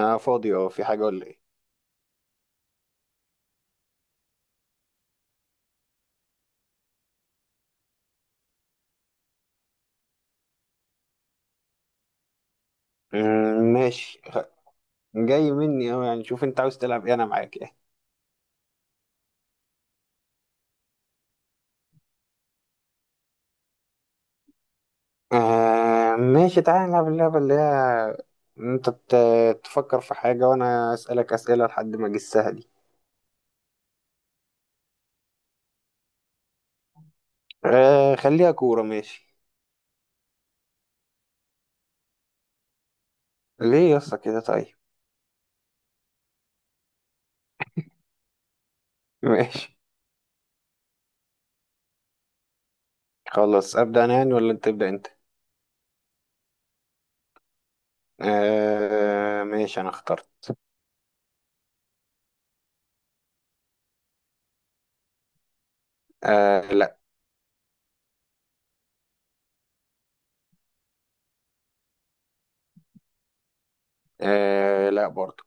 انا فاضي، في حاجه ولا ايه؟ آه، ماشي. جاي مني، يعني شوف انت عاوز تلعب ايه، انا معاك يعني. آه، ماشي، تعالى نلعب اللعبه اللي هي، انت تفكر في حاجه وانا اسالك اسئله لحد ما اجسها دي. آه، خليها كوره، ماشي. ليه يا اسطى كده؟ طيب، ماشي. خلاص، ابدا انا يعني ولا انت تبدا انت؟ آه، ماشي، انا اخترت. آه، لا. آه، لا برضو.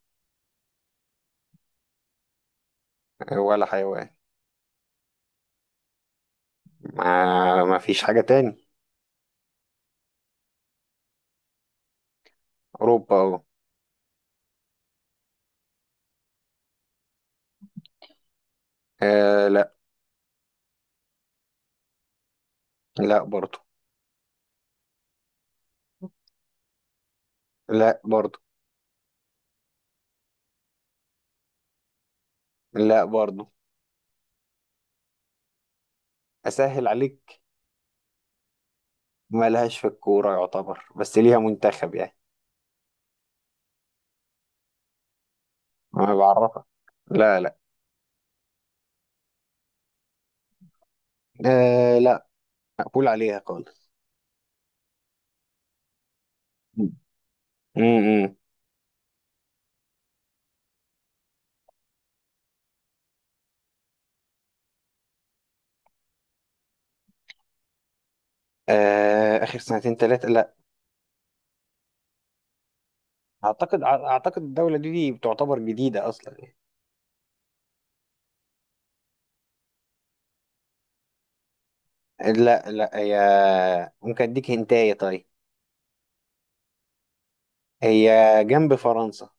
آه، ولا حيوان. ما فيش حاجه تاني. اوروبا اهو. آه، لا. لا برضو. لا برضو. لا برضو. اسهل عليك. ما لهاش في الكوره يعتبر، بس ليها منتخب يعني. ما بعرفها. لا، لا. آه، لا. مقبول عليها خالص. امم. آه، اخر سنتين ثلاثه، لا. اعتقد الدوله دي بتعتبر جديده اصلا يعني. لا، لا، هي. ممكن اديك هنتايه؟ طيب. هي جنب فرنسا.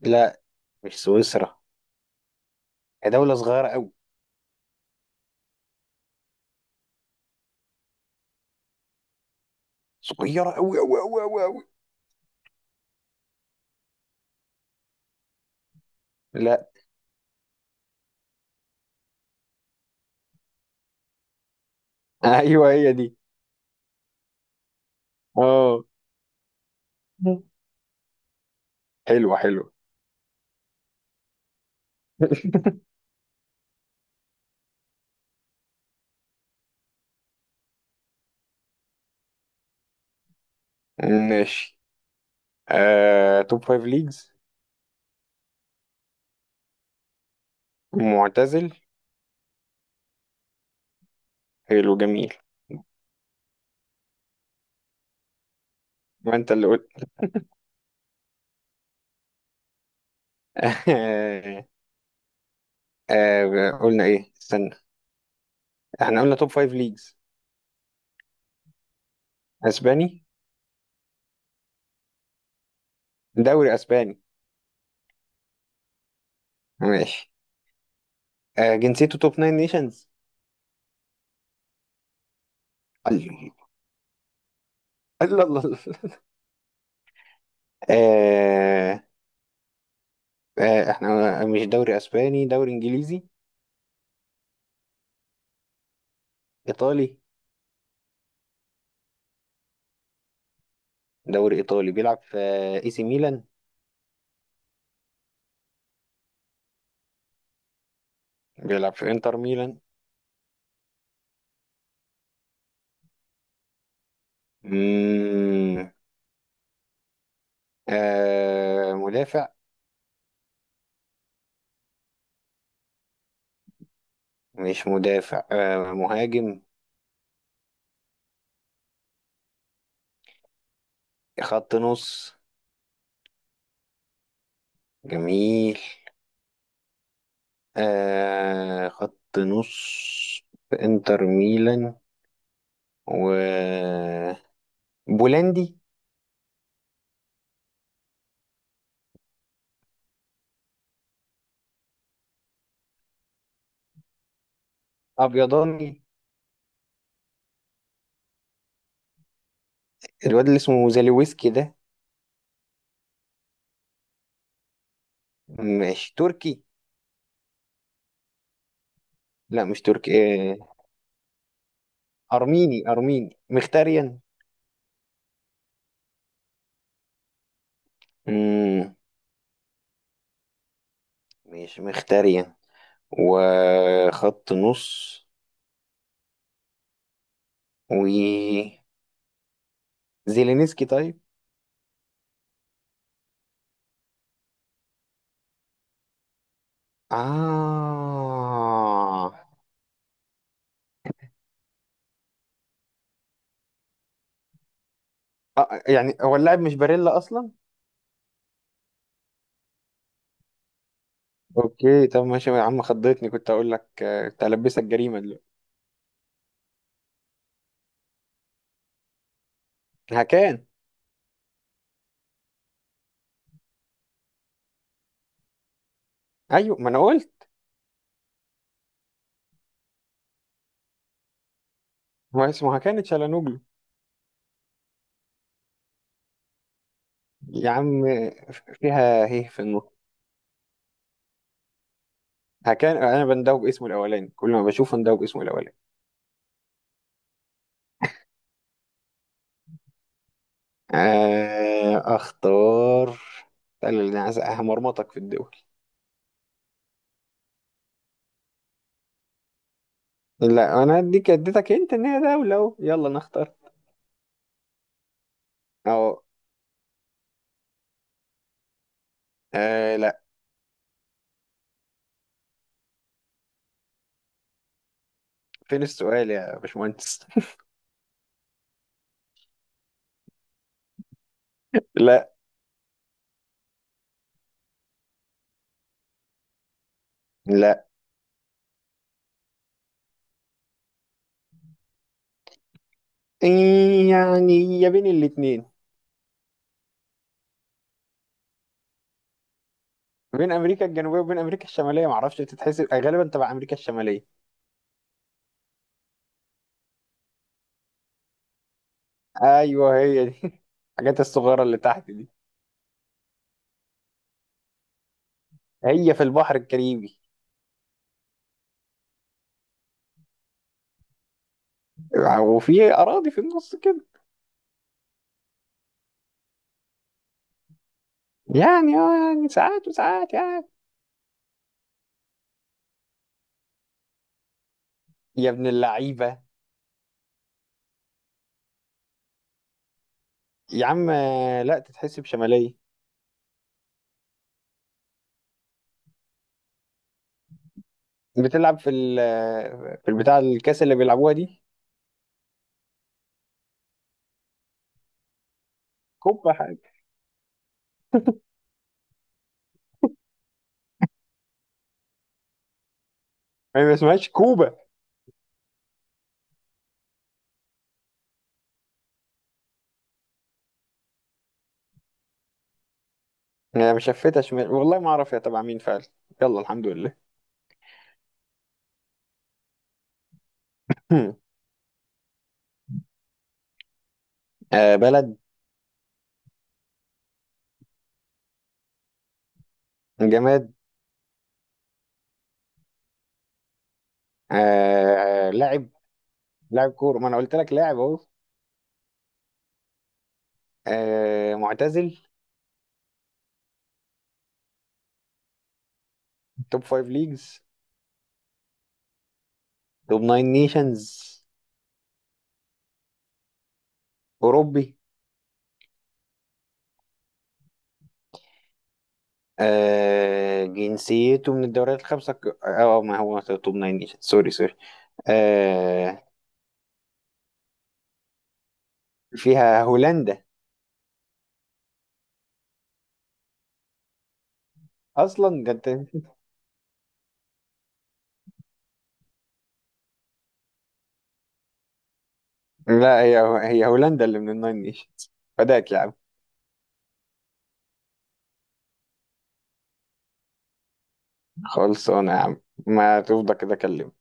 لا، مش سويسرا. هي دوله صغيره قوي، صغيره قوي قوي قوي قوي قوي. لا. ايوه، هي دي. اه. حلوه حلوه. ماشي. آه، توب فايف ليجز. معتزل؟ حلو، جميل. ما انت اللي قلت. آه. آه، قلنا ايه؟ استنى، احنا قلنا توب فايف ليجز. اسباني؟ دوري اسباني؟ ماشي. آه، جنسيته توب ناين نيشنز؟ الله، الله، الله، الله. آه. آه، احنا مش دوري اسباني، دوري انجليزي؟ ايطالي؟ دوري ايطالي، بيلعب في اي سي ميلان؟ بيلعب في انتر ميلان؟ مم. آه، مدافع؟ مش مدافع، مهاجم؟ خط نص؟ جميل. آه، خط نص، في انتر ميلان، و بولندي؟ ابيضاني؟ الواد اللي اسمه زاليويسكي ده؟ مش تركي؟ لا، مش تركي. آه. ارميني ارميني مختاريان؟ مم. مش مختاريان، وخط نص، و زيلينسكي؟ طيب. آه. آه، يعني هو اللاعب مش باريلا اصلا. اوكي، طب ماشي يا عم، خضتني، كنت اقول لك كنت هلبسك جريمه دلوقتي. هكان. ايوه، ما انا قلت، هو اسمه هكان تشالانوجلو. يا عم فيها هيه في النص. هكان، انا بندوب باسمه الاولاني، كل ما بشوفه بندوب باسمه الاولاني. آه، اختار. قال اللي عايز، همرمطك في الدول. لا، انا اديتك انت ان هي دوله، اهو يلا نختار. اهو. آه، لا. فين السؤال يا باشمهندس؟ لا. لا. إيه يعني؟ يا بين الاتنين. بين امريكا الجنوبيه وبين امريكا الشماليه، معرفش، بتتحسب غالبا تبع امريكا الشماليه. ايوه، هي دي. الحاجات الصغيره اللي تحت دي. هي في البحر الكاريبي، وفي اراضي في النص كده. يعني يعني ساعات وساعات يعني. يا ابن اللعيبه. يا عم لا، تتحسب شماليه. بتلعب في البتاع الكاس اللي بيلعبوها دي. كوبا حاجه. هي ما اسمهاش كوبا. انا مشفتها شمال، والله ما اعرف هي تبع مين فعلا. يلا الحمد لله. آه، بلد؟ جماد؟ آه، لاعب؟ لاعب كورة، ما انا قلت لك لاعب اهو. آه، معتزل؟ توب فايف ليجز؟ توب ناين نيشنز؟ اوروبي؟ آه، جنسيته من الدوريات الخمسة ما هو توب ناين نيشنز، سوري سوري. آه. فيها هولندا. اصلا ده انت! لا، هي هي هولندا اللي من الناين نيشنز. فداك يا عم. خلصانة يا عم، ما تفضى كده كلمني.